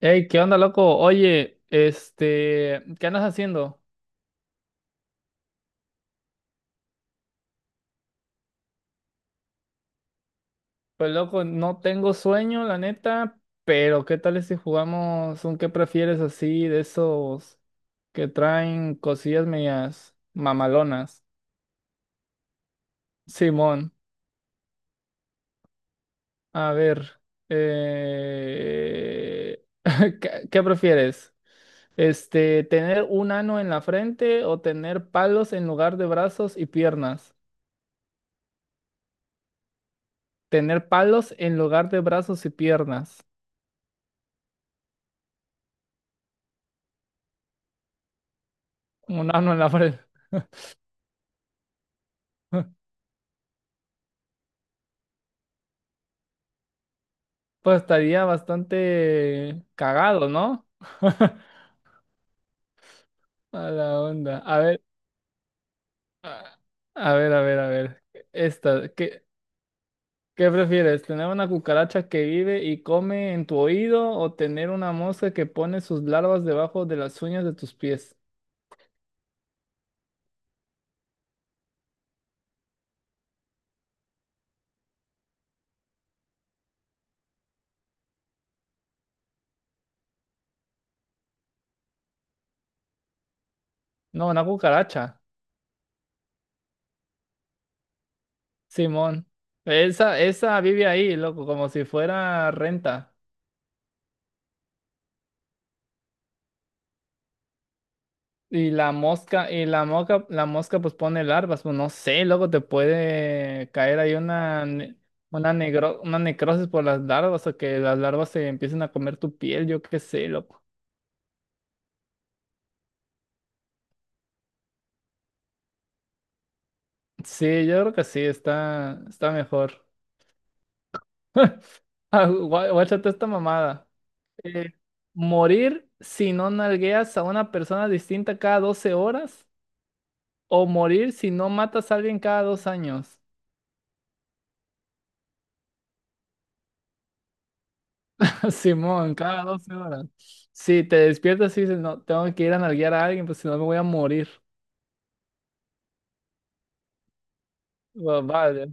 Ey, ¿qué onda, loco? Oye, ¿qué andas haciendo? Pues, loco, no tengo sueño, la neta, pero ¿qué tal si jugamos un qué prefieres así de esos que traen cosillas medias mamalonas? Simón, a ver, eh, ¿ qué prefieres? Este, ¿tener un ano en la frente o tener palos en lugar de brazos y piernas? Tener palos en lugar de brazos y piernas. Un ano en la pared. Pues estaría bastante cagado, ¿no? A la onda. A ver, a a ver, a ver. Esta, ¿ qué prefieres? ¿Tener una cucaracha que vive y come en tu oído o tener una mosca que pone sus larvas debajo de las uñas de tus pies? No, una cucaracha. Simón. Esa vive ahí, loco, como si fuera renta. Y la mosca pues pone larvas, pues no sé, luego te puede caer ahí una, una, negro, una necrosis por las larvas o que las larvas se empiecen a comer tu piel, yo qué sé, loco. Sí, yo creo que sí, está mejor. Ah, Guáchate esta mamada. Eh, morir si no nalgueas a una persona distinta cada 12 horas o morir si no matas a alguien cada dos años. Simón, cada 12 horas. Si te despiertas y dices, no, tengo que ir a nalguear a alguien, pues si no me voy a morir. Bueno, vaya.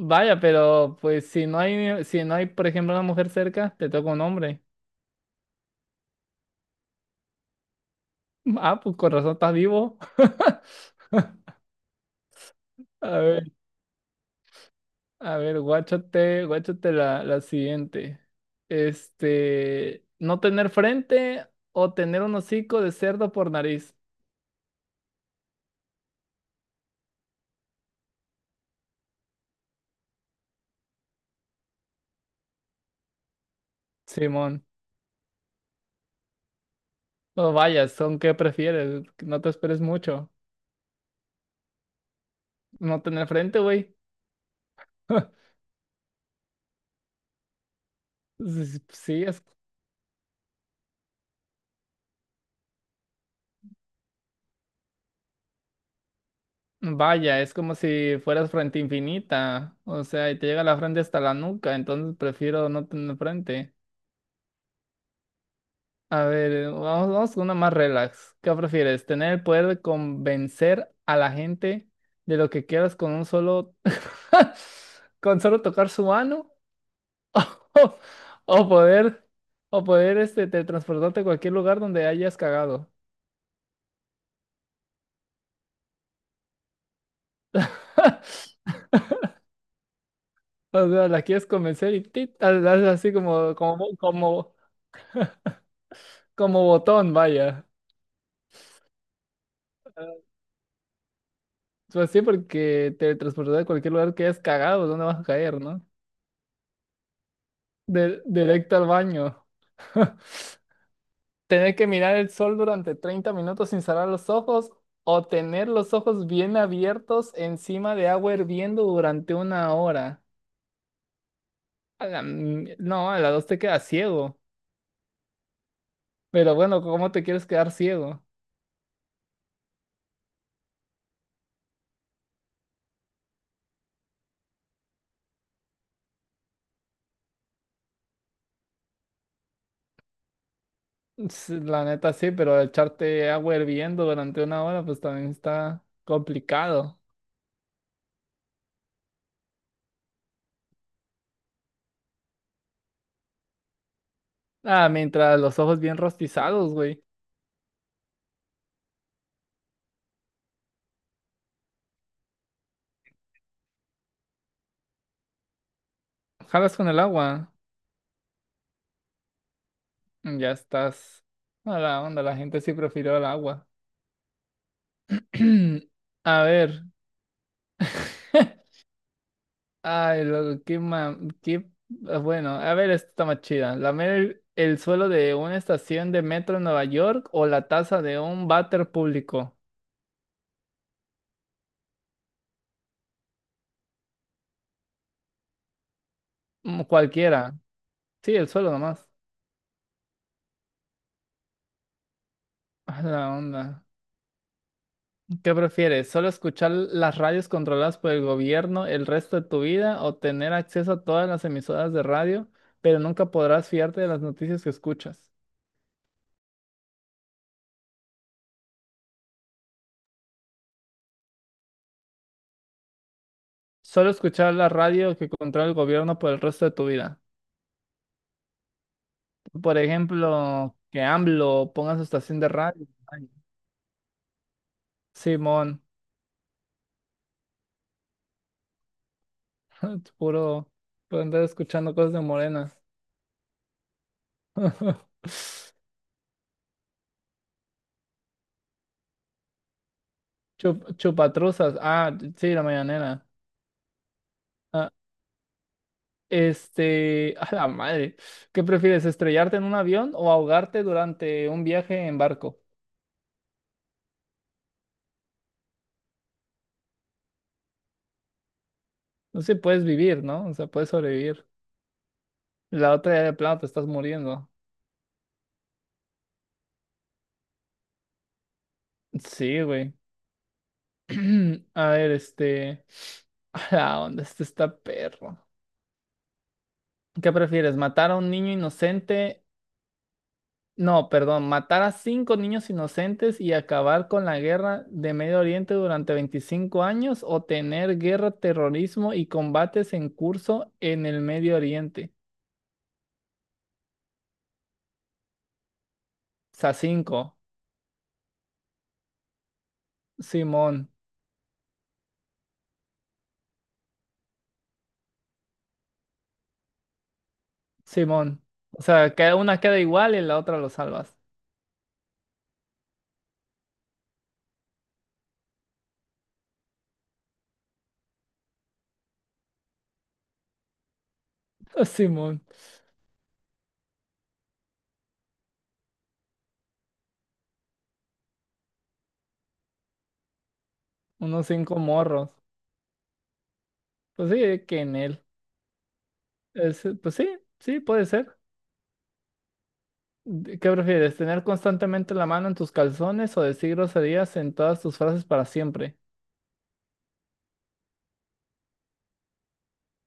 Vaya, pero pues si no hay, por ejemplo, una mujer cerca, te toca un hombre. Ah, pues con razón estás vivo. A ver, a ver, guáchate la siguiente. Este, no tener frente o tener un hocico de cerdo por nariz. Simón. No vayas, ¿son qué prefieres? No te esperes mucho. No tener frente, güey. s- Sí, es, vaya, es como si fueras frente infinita, o sea, y te llega la frente hasta la nuca, entonces prefiero no tener frente. A ver, vamos, vamos con una más relax. ¿Qué prefieres? ¿Tener el poder de convencer a la gente de lo que quieras con solo tocar su mano? ¿O, o poder, o poder teletransportarte a cualquier lugar donde hayas cagado? O sea, la quieres convencer y tit, la haces así como, Como botón, vaya. Pues sí, porque teletransportar a cualquier lugar que hayas cagado, ¿dónde vas a caer, no? Directo al baño. Tener que mirar el sol durante 30 minutos sin cerrar los ojos o tener los ojos bien abiertos encima de agua hirviendo durante una hora. No, a las dos te quedas ciego. Pero bueno, ¿cómo te quieres quedar ciego? Sí, la neta sí, pero echarte agua hirviendo durante una hora, pues también está complicado. Ah, mientras los ojos bien rostizados, güey. Jalas con el agua. Ya estás. A la onda, la gente sí prefirió el agua. A ver. Ay, loco, qué ma... qué... ah, Bueno, a ver, esta está más chida. ¿Lamer el suelo de una estación de metro en Nueva York o la taza de un váter público? Mm, cualquiera. Sí, el suelo nomás. A la onda. ¿Qué prefieres? ¿Solo escuchar las radios controladas por el gobierno el resto de tu vida o tener acceso a todas las emisoras de radio, pero nunca podrás fiarte de las noticias que escuchas? Solo escuchar la radio que controla el gobierno por el resto de tu vida. Por ejemplo, que AMLO ponga su estación de radio. Ay, Simón, puro, por andar escuchando cosas de morenas. Chupatruzas. Ah, sí, la mañanera. Ah, a la madre, ¿qué prefieres, estrellarte en un avión o ahogarte durante un viaje en barco? No sé, puedes vivir, ¿no? O sea, puedes sobrevivir. La otra ya de plano te estás muriendo. Sí, güey. A ver, a la onda, este está perro. ¿Qué prefieres, matar a un niño inocente No, perdón, matar a cinco niños inocentes y acabar con la guerra de Medio Oriente durante 25 años o tener guerra, terrorismo y combates en curso en el Medio Oriente. O sea, cinco. Simón, Simón. O sea, que una queda igual y la otra lo salvas. Simón, unos cinco morros. Pues sí, que en él. Pues sí, sí, puede ser. ¿Qué prefieres? ¿Tener constantemente la mano en tus calzones o decir groserías en todas tus frases para siempre?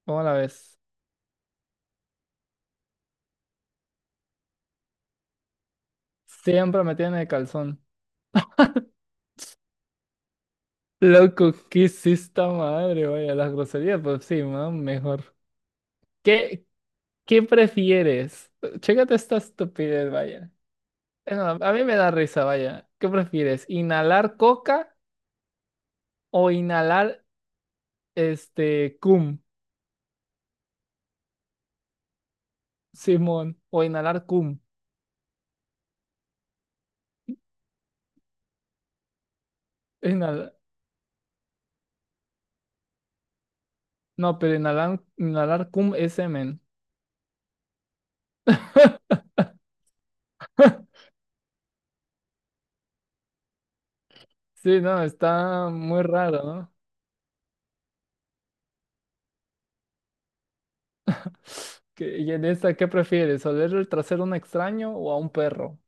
¿Cómo la ves? Siempre me tiene de calzón. Loco, ¿qué es esta madre? Vaya, las groserías, pues sí, ¿no? Mejor. ¿Qué, qué prefieres? Chécate esta estupidez, vaya. No, a mí me da risa, vaya. ¿Qué prefieres? ¿Inhalar coca o inhalar este cum, Simón? O inhalar cum. Inhala- No, pero inhalar cum es semen. Sí, no, está muy raro, ¿no? ¿Y en esta qué prefieres? ¿Oler el trasero a un extraño o a un perro?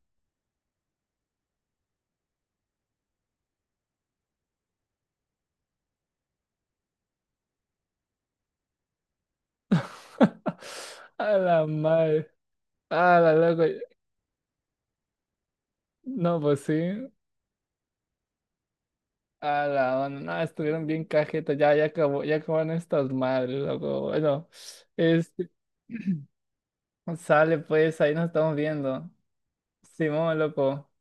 A la madre. A la loco. No, pues sí. A la onda. No, estuvieron bien cajetas. Ya acabó, ya acabaron estas madres, loco. Bueno, este. Sale pues, ahí nos estamos viendo. Simón, loco.